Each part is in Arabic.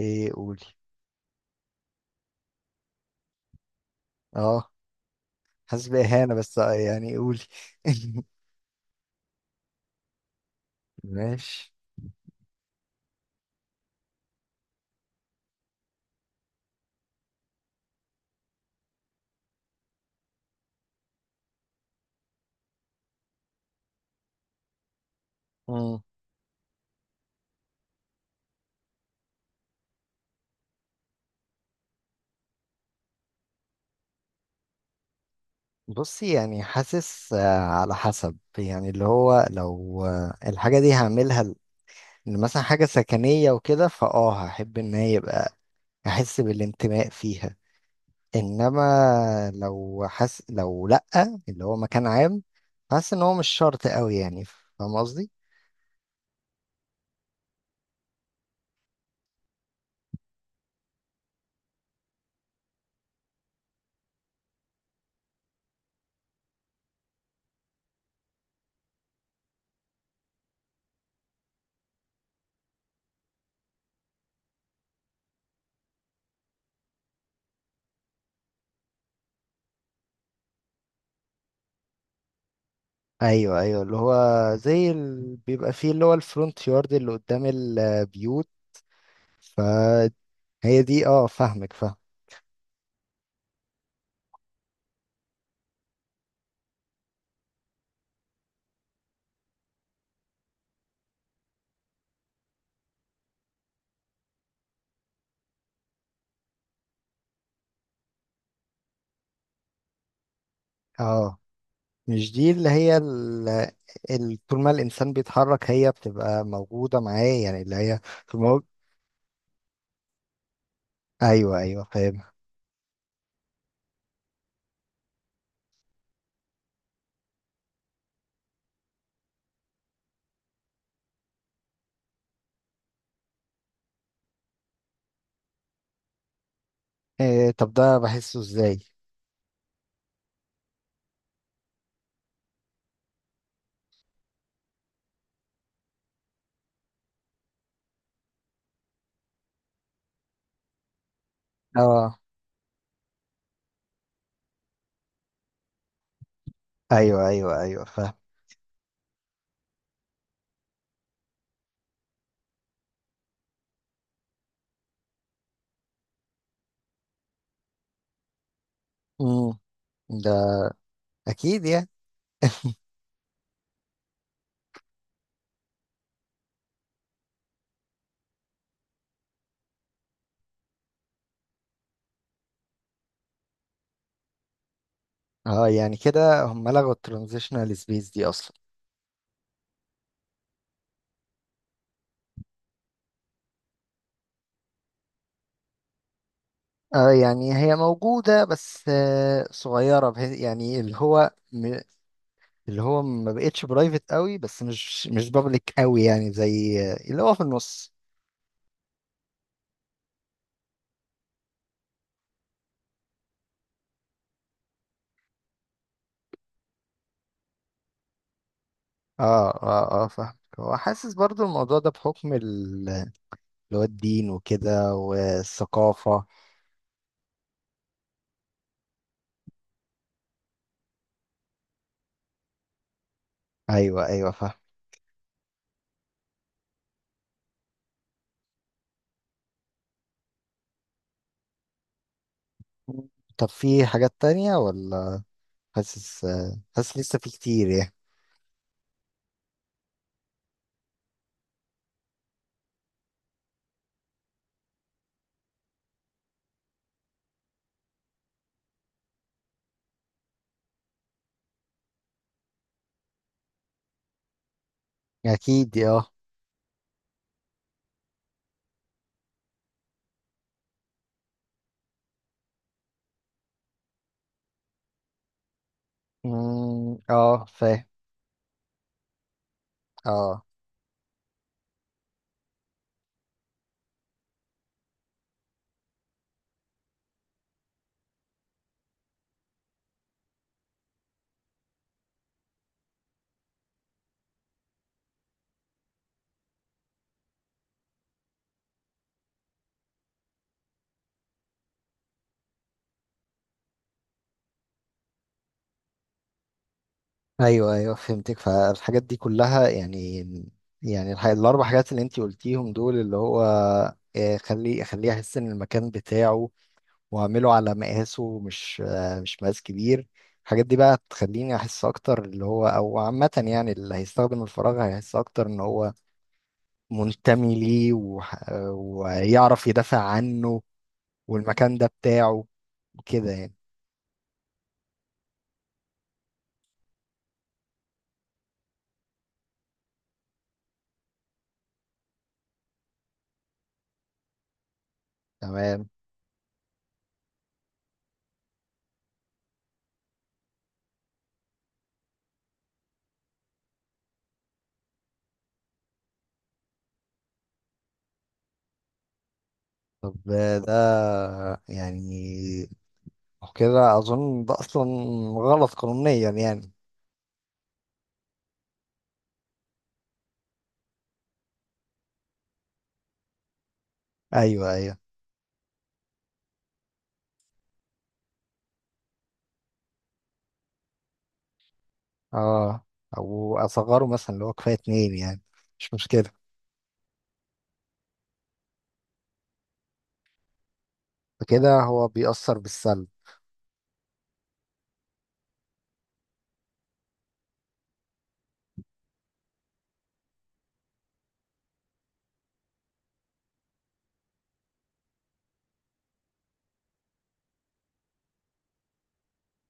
ايه، قولي. اه. حاسس بإهانة، بس آه، يعني قولي. ماشي. مم. بصي، يعني حاسس آه، على حسب. يعني اللي هو لو آه، الحاجة دي هعملها ل- إن مثلا حاجة سكنية وكده فاه هحب ان هي يبقى احس بالانتماء فيها. انما لو حس، لو لأ. اللي هو مكان عام، حاسس ان هو مش شرط قوي. يعني فاهم قصدي. ايوه، ايوه، اللي هو زي ال... بيبقى فيه اللي هو الفرونت يارد اللي قدام البيوت. فهي دي، اه، فاهمك، فاهم. اه، مش دي اللي هي ال... ال... طول ما الإنسان بيتحرك هي بتبقى موجودة معاه، يعني اللي هي طول ما هو- أيوه أيوه، فاهم. إيه، طب ده بحسه إزاي؟ اه، أيوه، أيوه، أيوه، فاهم. مم. ده أكيد يعني. اه، يعني كده هم لغوا الترانزيشنال سبيس دي أصلا. اه، يعني هي موجودة، بس آه، صغيرة بحيث يعني اللي هو م- اللي هو ما بقتش برايفت قوي، بس مش مش بابليك قوي، يعني زي اللي هو في النص. اه، اه، اه، فاهم. هو حاسس برضو الموضوع ده بحكم ال- اللي هو الدين وكده والثقافة. ايوه، ايوه، فاهم. طب في حاجات تانية ولا حاسس آه، حاسس لسه في كتير يعني؟ اكيد، اه. مم، اه، فاهم. اه. ايوه، ايوه، فهمتك. فالحاجات دي كلها، يعني يعني الح- الاربع حاجات اللي انتي قلتيهم دول، اللي هو آه، خليه خليه يحس ان المكان بتاعه، واعمله على مقاسه، مش آه، مش مقاس كبير. الحاجات دي بقى تخليني احس اكتر، اللي هو او عامة يعني اللي هيستخدم الفراغ هيحس اكتر ان هو منتمي ليه، وح- ويعرف يدافع عنه. والمكان ده بتاعه، كده يعني. تمام. طب آه، ده يعني وكده اظن ده اصلا غلط قانونيا يعني. ايوه، ايوه. اه، او اصغره مثلا اللي هو كفايه اتنين يعني، مش مشكله. فكده هو بيأثر بالسلب.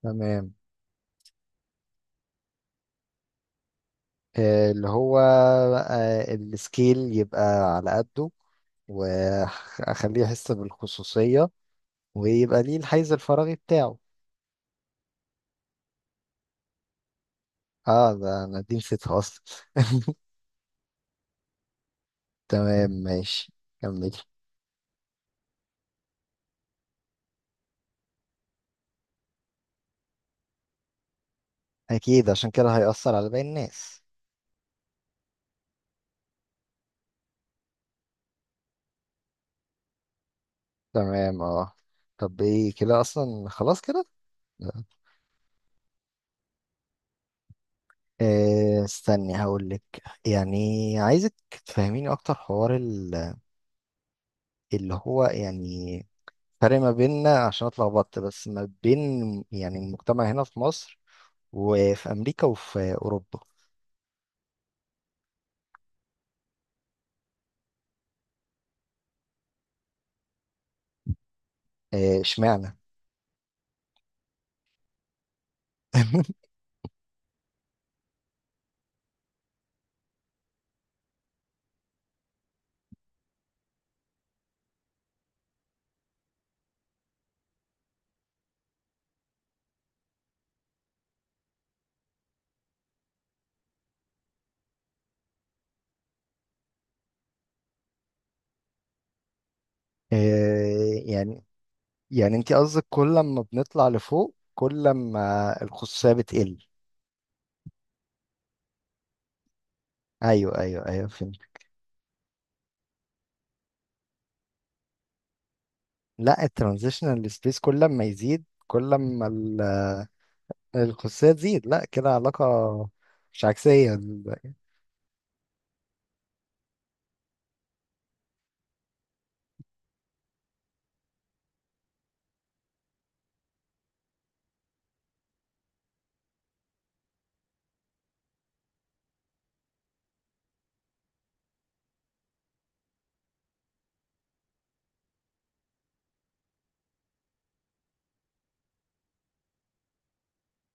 تمام. آه، اللي هو آه، السكيل يبقى على قده، واخليه يحس بالخصوصيه، ويبقى ليه الحيز الفراغي بتاعه. اه، ده انا دي نسيتها اصلا. تمام، ماشي، كملي. اكيد، عشان كده هيأثر على باقي الناس. تمام، اه. طب ايه؟ كده اصلا خلاص كده. آه، استني هقول لك، يعني عايزك تفهميني اكتر حوار ال- اللي هو، يعني فرق ما بيننا عشان اتلخبطت، بس ما بين يعني المجتمع هنا في مصر، وفي امريكا، وفي اوروبا. آه، اشمعنى آه، يعني يعني انت قصدك كل ما بنطلع لفوق كل ما الخصوصية بتقل؟ ايوه، ايوه، ايوه، فهمت. لا، الترانزيشنال سبيس كل ما يزيد كل ما ال- الخصوصية تزيد. لا كده علاقة مش عكسية.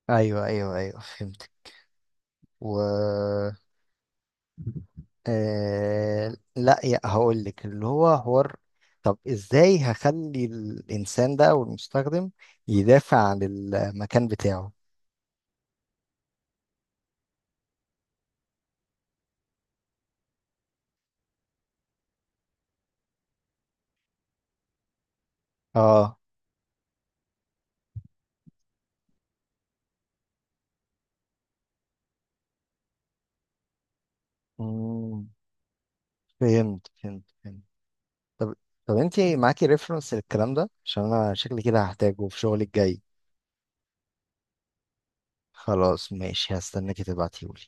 ايوه، ايوه، ايوه، فهمت. و آه... لا يا هقول لك اللي هو حوار. طب ازاي هخلي الانسان ده او المستخدم يدافع عن المكان بتاعه؟ اه، مم، فهمت، فهمت، فهمت. طب طب انت معاكي ريفرنس للكلام ده؟ عشان انا شكلي كده هحتاجه في شغلي الجاي. خلاص، ماشي، هستناك تبعتيهولي.